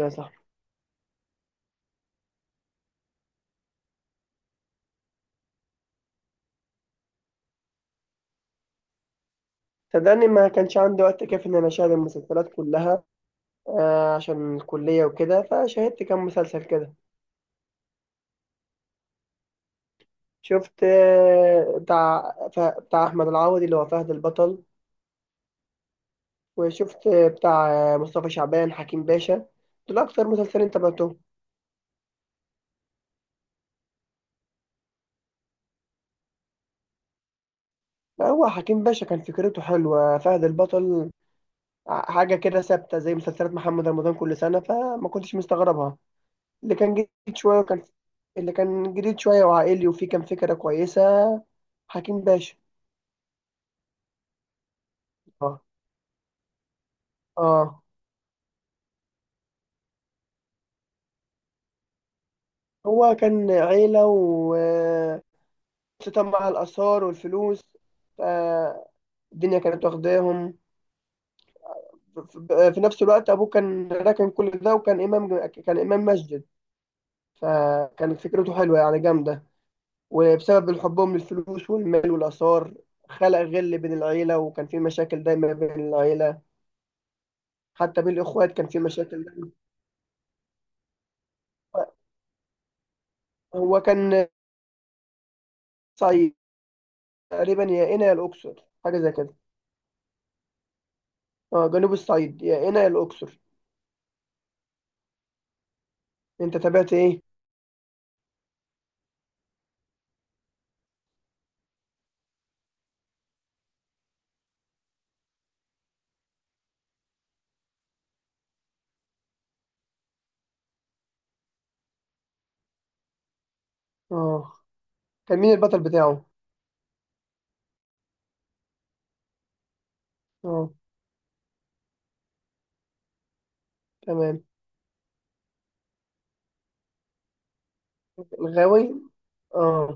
يا صاحبي، صدقني ما كانش عندي وقت كافي ان انا اشاهد المسلسلات كلها. عشان الكليه وكده، فشاهدت كام مسلسل كده. شفت، بتاع بتاع احمد العوضي اللي هو فهد البطل. وشفت بتاع مصطفى شعبان، حكيم باشا. دول اكتر مسلسلين تابعتهم. هو حكيم باشا كان فكرته حلوه. فهد البطل حاجه كده ثابته، زي مسلسلات محمد رمضان كل سنه، فما كنتش مستغربها. اللي كان جديد شوية وكان اللي كان جديد شوية وعائلي، وفيه كان فكرة كويسة، حكيم باشا. اه. اه. هو كان عيلة، وقصته مع الآثار والفلوس، فالدنيا كانت واخداهم. ف- في نفس الوقت أبوه كان راكن كل ده، وكان إمام مسجد. فكانت فكرته حلوة يعني، جامدة. وبسبب حبهم للفلوس والمال والآثار، خلق غل بين العيلة، وكان في مشاكل دايما بين العيلة، حتى بين الإخوات كان في مشاكل دايما. هو كان صعيد تقريبا، يا قنا يا الاقصر، حاجه زي كده. اه، جنوب الصعيد، يا قنا يا الاقصر. انت تابعت ايه؟ اه. كان مين البطل بتاعه؟ اه. تمام. الغاوي. اه.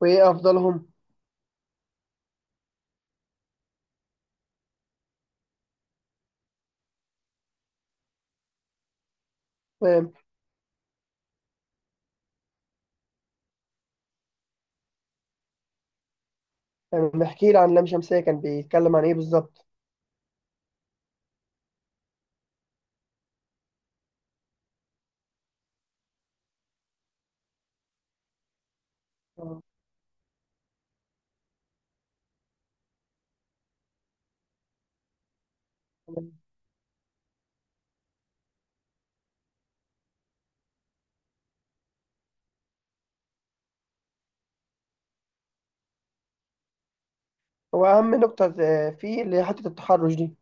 وايه افضلهم؟ تمام. تمام، احكي لي عن لام شمسية، كان بيتكلم عن ايه بالظبط؟ اه. تمام. هو اهم نقطه فيه، اللي هي حته التحرش دي.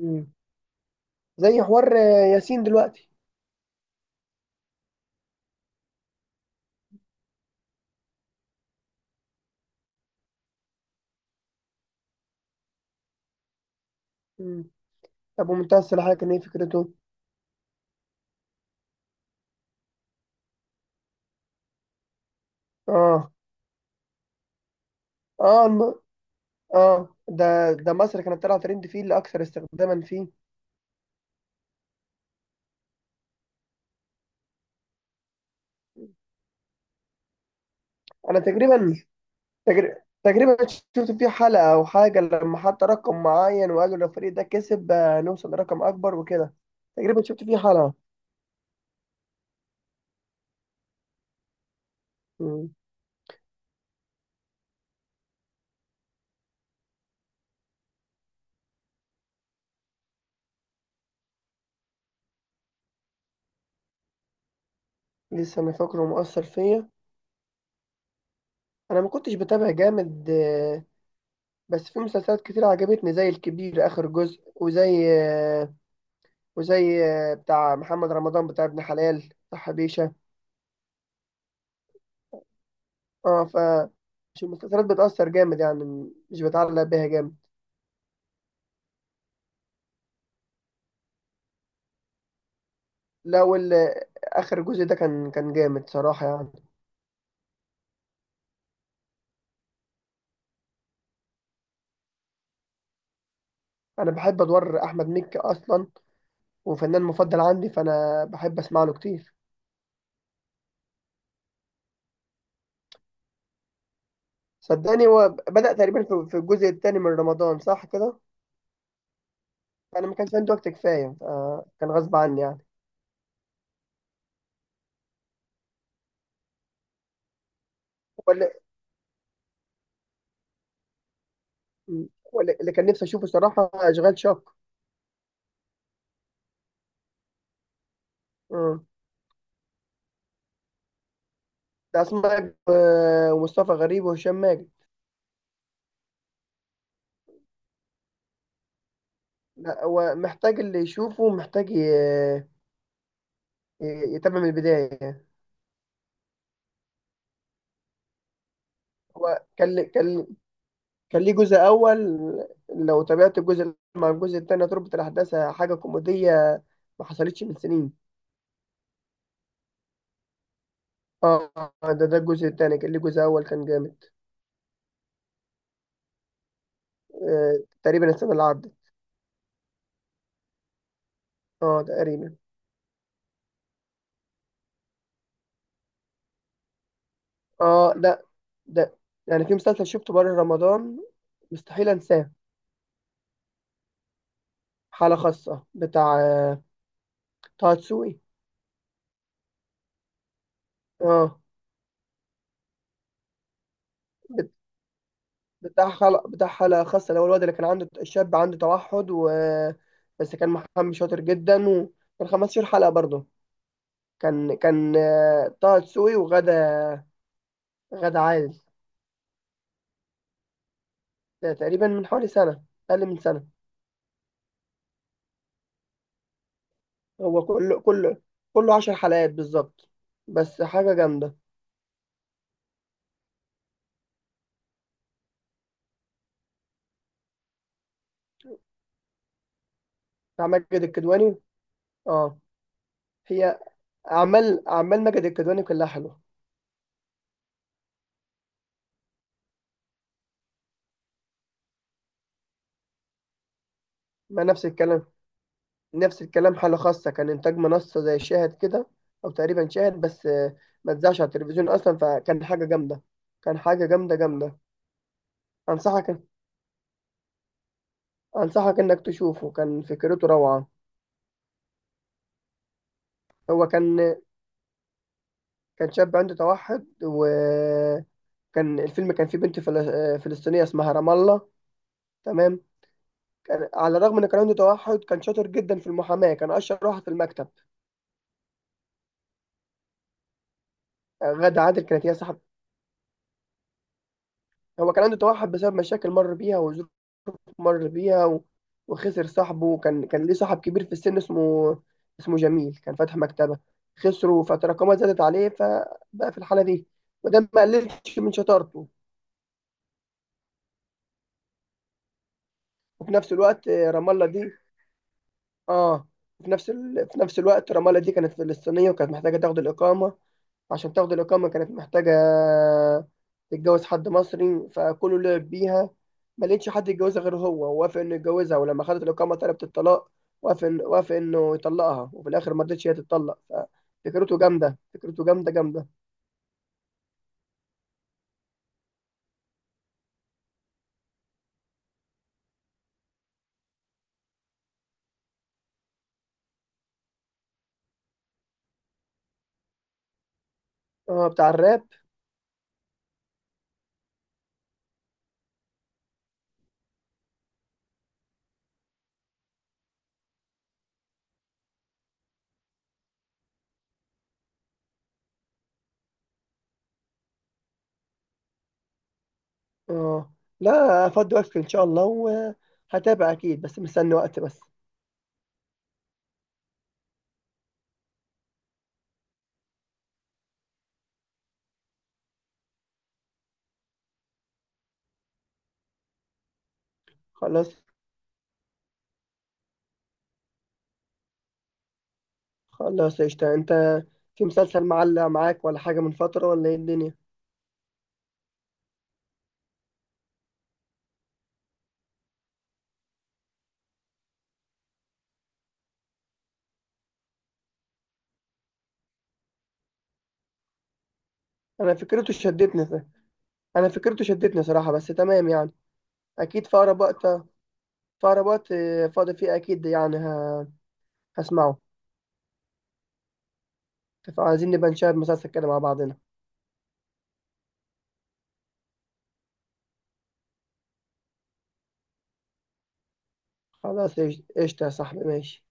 مم. زي حوار ياسين دلوقتي. مم. طب ومنتهى الصلاحيه كان ايه فكرته؟ اه. اه، اه، ده مصر كانت طالعه ترند فيه، لاكثر استخداما فيه. انا تقريبا، تقريبا شفت فيه حلقة او حاجة، لما حط رقم معين وقال لو الفريق ده كسب، نوصل لرقم اكبر وكده. تقريبا شفت فيه حلقة. مم. لسه انا فاكره ومؤثر فيا. انا ما كنتش بتابع جامد، بس في مسلسلات كتير عجبتني، زي الكبير اخر جزء، وزي بتاع محمد رمضان، بتاع ابن حلال، بتاع حبيشة. اه. مش المسلسلات بتأثر جامد يعني، مش بتعلق بيها جامد. لو ال- آخر جزء ده كان جامد صراحة يعني. انا بحب ادوار احمد مكي اصلا، وفنان مفضل عندي، فانا بحب اسمع له كتير. صدقني هو بدأ تقريبا في الجزء الثاني من رمضان، صح كده؟ انا ما كانش عندي وقت كفايه، كان غصب عني يعني. ولا. اللي كان نفسي اشوفه صراحه اشغال شاق. آه، ده اسماء جلال، ومصطفى غريب وهشام ماجد. لا هو محتاج اللي يشوفه، محتاج يتابع من البدايه. هو كان ليه جزء اول. لو تابعت الجزء الأول مع الجزء الثاني هتربط الاحداث، حاجه كوميديه ما حصلتش من سنين. اه. ده الجزء الثاني، كان ليه جزء اول كان جامد. تقريبا السنه اللي عدت. اه تقريبا. اه. ده يعني في مسلسل شفته بره رمضان مستحيل انساه. حالة خاصة بتاع طه دسوقي. اه. بت- بتاع حلقة، بتاع حالة خاصة، اللي هو الواد اللي كان عنده، الشاب عنده توحد، و بس كان محامي شاطر جدا، وكان 15 حلقة برضه. كان كان طه دسوقي، وغادة عادل. ده تقريبا من حوالي سنة، أقل من سنة. هو كله عشر حلقات بالظبط، بس حاجة جامدة. بتاع ماجد الكدواني. اه. هي أعمال ماجد الكدواني كلها حلوة. ما نفس الكلام، نفس الكلام. حالة خاصة كان إنتاج منصة زي شاهد كده، أو تقريبا شاهد بس، ما اتذاعش على التلفزيون أصلا، فكان حاجة جامدة، كان حاجة جامدة جامدة. أنصحك، أنصحك إنك تشوفه، كان فكرته روعة. هو كان شاب عنده توحد، وكان الفيلم كان فيه بنت فلسطينية اسمها رام الله. تمام. كان على الرغم ان كان عنده توحد، كان شاطر جدا في المحاماة، كان اشطر واحد في المكتب. غادة عادل كانت هي صاحب. هو كان عنده توحد بسبب مشاكل مر بيها وظروف مر بيها، وخسر صاحبه. وكان ليه صاحب كبير في السن، اسمه جميل، كان فاتح مكتبة، خسره فتراكمات زادت عليه، فبقى في الحالة دي، وده ما قللش من شطارته. وفي نفس الوقت رام الله دي، اه، في نفس الوقت رمالة دي كانت فلسطينية، وكانت محتاجة تاخد الإقامة. عشان تاخد الإقامة كانت محتاجة تتجوز حد مصري، فكله لعب بيها، ما لقيتش حد يتجوزها غير هو، ووافق إنه يتجوزها، ولما خدت الإقامة طلبت الطلاق. وافق إنه يطلقها، وفي الآخر ما رضتش هي تتطلق. ففكرته جامدة، فكرته جامدة جامدة. اه، بتاع الراب. اه، لا، فضي وقتك إن شاء الله، وهتابع أكيد، بس مستني وقت بس. خلاص. خلاص قشطة. انت في مسلسل معلق معاك، ولا حاجة من فترة، ولا ايه الدنيا؟ انا فكرته شدتني، انا فكرته شدتني صراحة، بس تمام يعني. اكيد في اقرب وقت، في اقرب وقت، فاضي فيه اكيد يعني، هسمعه. فعايزين نبقى نشاهد مسلسل كده مع بعضنا. خلاص قشطة. قشطة يا صاحبي، ماشي.